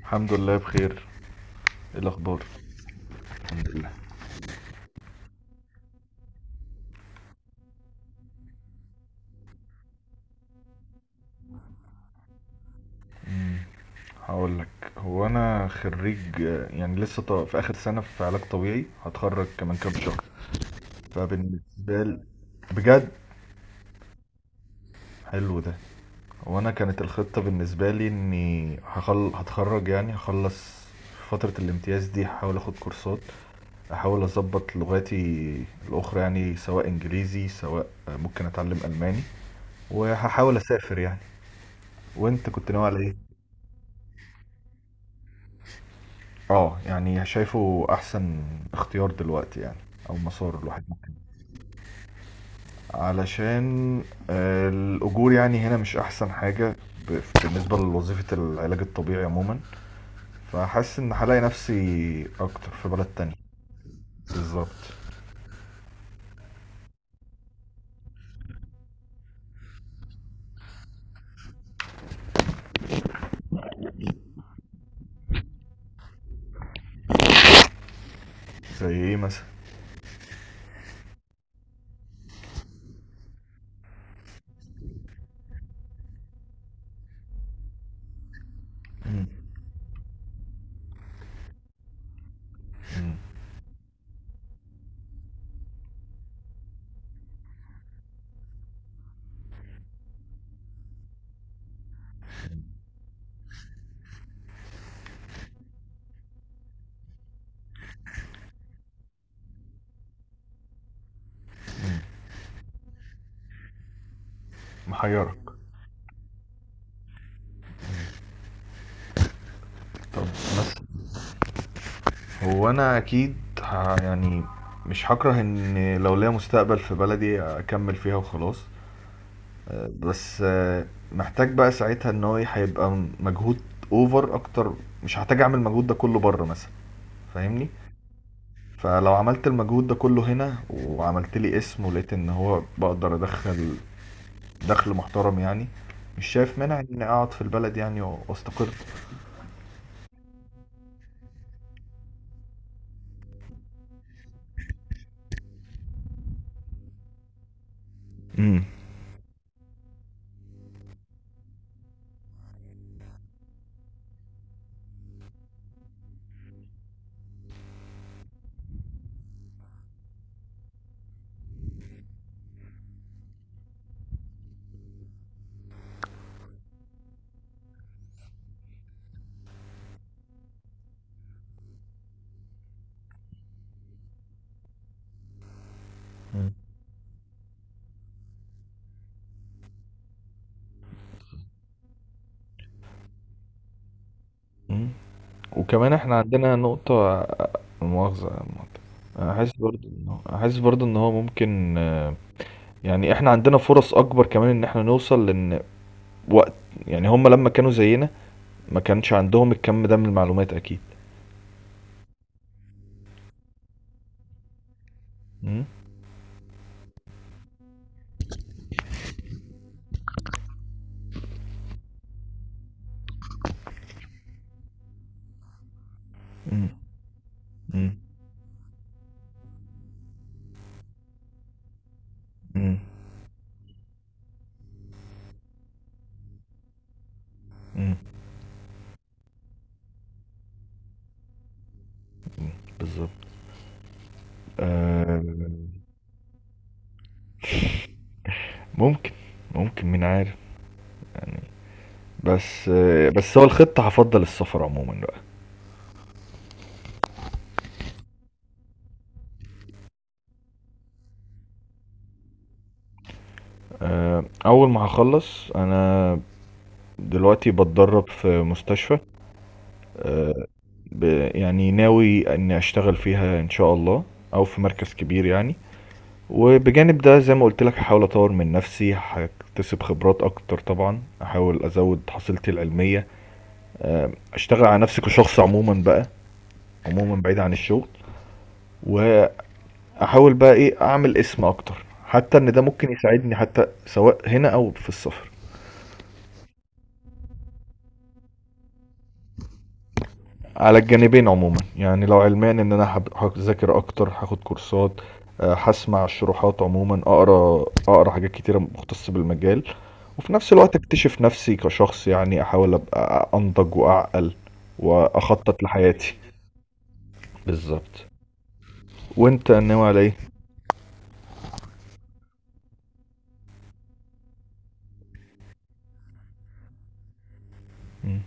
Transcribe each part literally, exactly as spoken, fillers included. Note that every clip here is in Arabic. الحمد لله بخير. ايه الاخبار؟ الحمد لله. هقول لك، هو انا خريج، آه، يعني لسه ط- في اخر سنه في علاج طبيعي، هتخرج كمان كام شهر. فبالنسبه لي، بجد حلو ده. هو انا كانت الخطه بالنسبه لي اني هخل... هتخرج يعني هخلص فتره الامتياز دي، هحاول اخد كورسات، احاول اظبط لغاتي الاخرى، يعني سواء انجليزي سواء آه، ممكن اتعلم الماني، وهحاول اسافر يعني. وانت كنت ناوي على ايه؟ اه يعني شايفه احسن اختيار دلوقتي يعني، او مسار الواحد ممكن، علشان آه، الاجور يعني هنا مش احسن حاجة، ب- بالنسبة لوظيفة العلاج الطبيعي عموما. فحاسس ان هلاقي نفسي اكتر في بلد تانية. بالظبط. زي ايه مثلا؟ مم. مم. محيرك. طب مثلا، هو انا اكيد ه- يعني مش هكره ان لو ليا مستقبل في بلدي اكمل فيها وخلاص. بس آه، محتاج بقى ساعتها ان هو هيبقى مجهود اوفر اكتر، مش هحتاج اعمل المجهود ده كله بره مثلا، فاهمني؟ فلو عملت المجهود ده كله هنا وعملت لي اسم ولقيت ان هو بقدر ادخل دخل محترم يعني، مش شايف مانع اني اقعد في البلد يعني واستقر. امم. امم. وكمان احنا عندنا نقطة مؤاخذة يا مهندس. احس برضو انه، احس برضو ان هو ممكن يعني احنا عندنا فرص اكبر كمان ان احنا نوصل وقت، يعني هم لما كانوا زينا ما كانش عندهم الكم ده من المعلومات اكيد. مم. مم. مم. مم. مم. مم. بالظبط. آه، ممكن، ممكن مين عارف. بس آه بس هو الخطة هفضل السفر عموما بقى. آه اول ما هخلص انا دلوقتي بتدرب في مستشفى. آه، ب يعني ناوي اني اشتغل فيها ان شاء الله، او في مركز كبير يعني. وبجانب ده زي ما قلت لك هحاول اطور من نفسي، هكتسب خبرات اكتر، طبعا احاول ازود حصيلتي العلميه، آه، اشتغل على نفسي كشخص عموما بقى، عموما بعيد عن الشغل. واحاول بقى ايه اعمل اسم اكتر حتى ان ده ممكن يساعدني حتى سواء هنا او في السفر. على الجانبين عموما يعني، لو علمان ان انا هب- هذاكر اكتر، هاخد كورسات، آه، هسمع الشروحات عموما، اقرا اقرا حاجات كتيره مختصه بالمجال. وفي نفس الوقت اكتشف نفسي كشخص يعني، احاول ابقى انضج واعقل واخطط لحياتي. بالظبط. وانت ناوي على ايه؟ مم.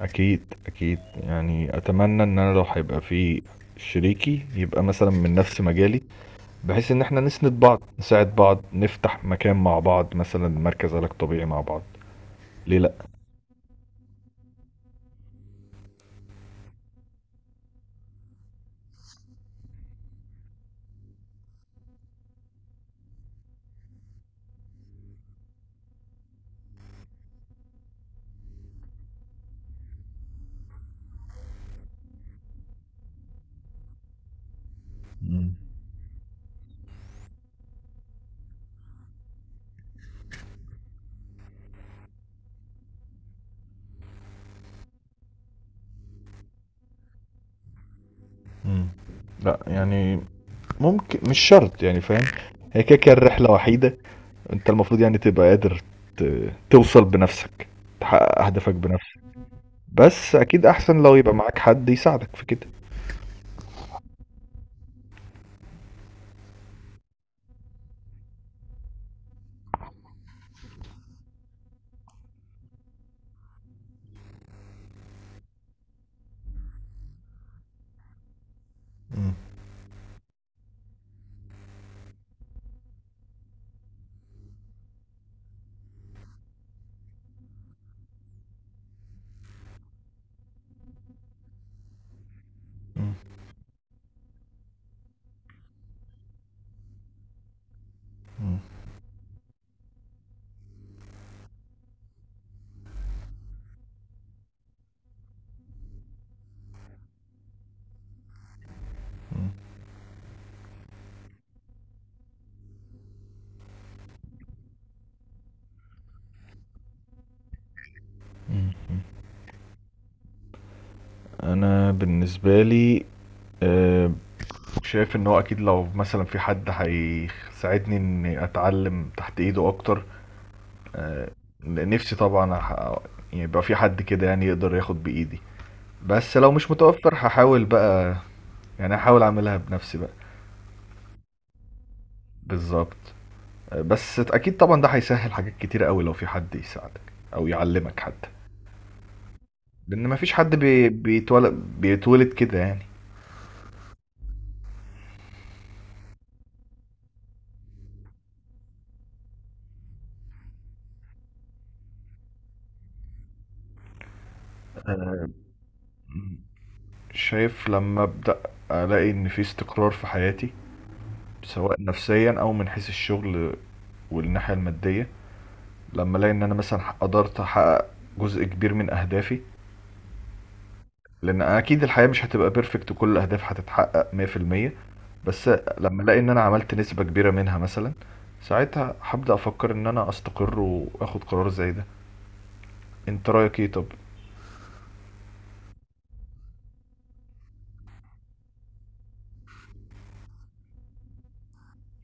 اكيد اكيد، يعني اتمنى ان انا لو هيبقى في شريكي يبقى مثلا من نفس مجالي، بحيث ان احنا نسند بعض، نساعد بعض، نفتح مكان مع بعض مثلا، مركز علاج طبيعي مع بعض. ليه لا. مم. مم. لا يعني ممكن، مش شرط يعني، فاهم؟ هي كده كده الرحله وحيده، انت المفروض يعني تبقى قادر ت- توصل بنفسك، تحقق اهدافك بنفسك. بس اكيد احسن لو يبقى معاك حد يساعدك في كده. مم. مم. مم. مم. انا بالنسبه لي آه، شايف ان هو اكيد لو مثلا في حد هيساعدني اني اتعلم تحت ايده اكتر، آه، نفسي طبعا أح... يعني يبقى في حد كده يعني يقدر ياخد بإيدي. بس لو مش متوفر هحاول بقى، يعني هحاول اعملها بنفسي بقى. بالظبط. آه، بس اكيد طبعا ده هيسهل حاجات كتير قوي لو في حد يساعدك او يعلمك حتى، لان مفيش حد بي... بيتولد، بيتولد كده يعني. آه، شايف لما ابدا الاقي ان في استقرار في حياتي، سواء نفسيا او من حيث الشغل والناحية المادية، لما الاقي ان انا مثلا قدرت احقق جزء كبير من اهدافي، لان اكيد الحياة مش هتبقى بيرفكت وكل الاهداف هتتحقق مية في المية. بس لما الاقي ان انا عملت نسبة كبيرة منها مثلا، ساعتها هبدأ افكر ان انا استقر واخد قرار زي ده. انت رأيك ايه طب؟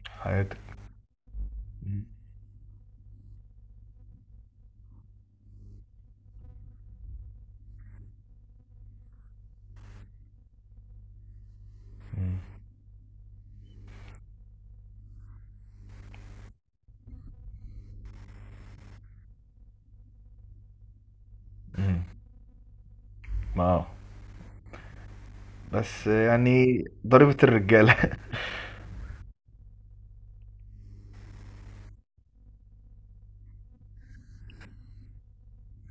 حياتك. مم. مم. مم. ما بس يعني ضريبة الرجالة.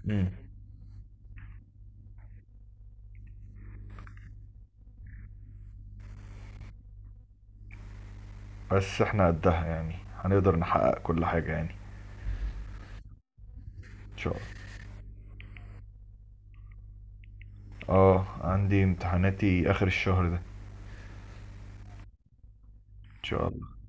مم. بس احنا قدها يعني، هنقدر نحقق كل حاجة يعني. ان شاء الله. اه، عندي امتحاناتي اخر الشهر ده. ان شاء الله.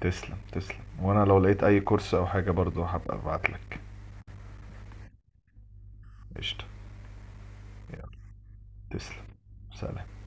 تسلم تسلم، وانا لو لقيت اي كورس او حاجة برضو هبقى ابعتلك. قشطة. يلا. تسلم. سلام.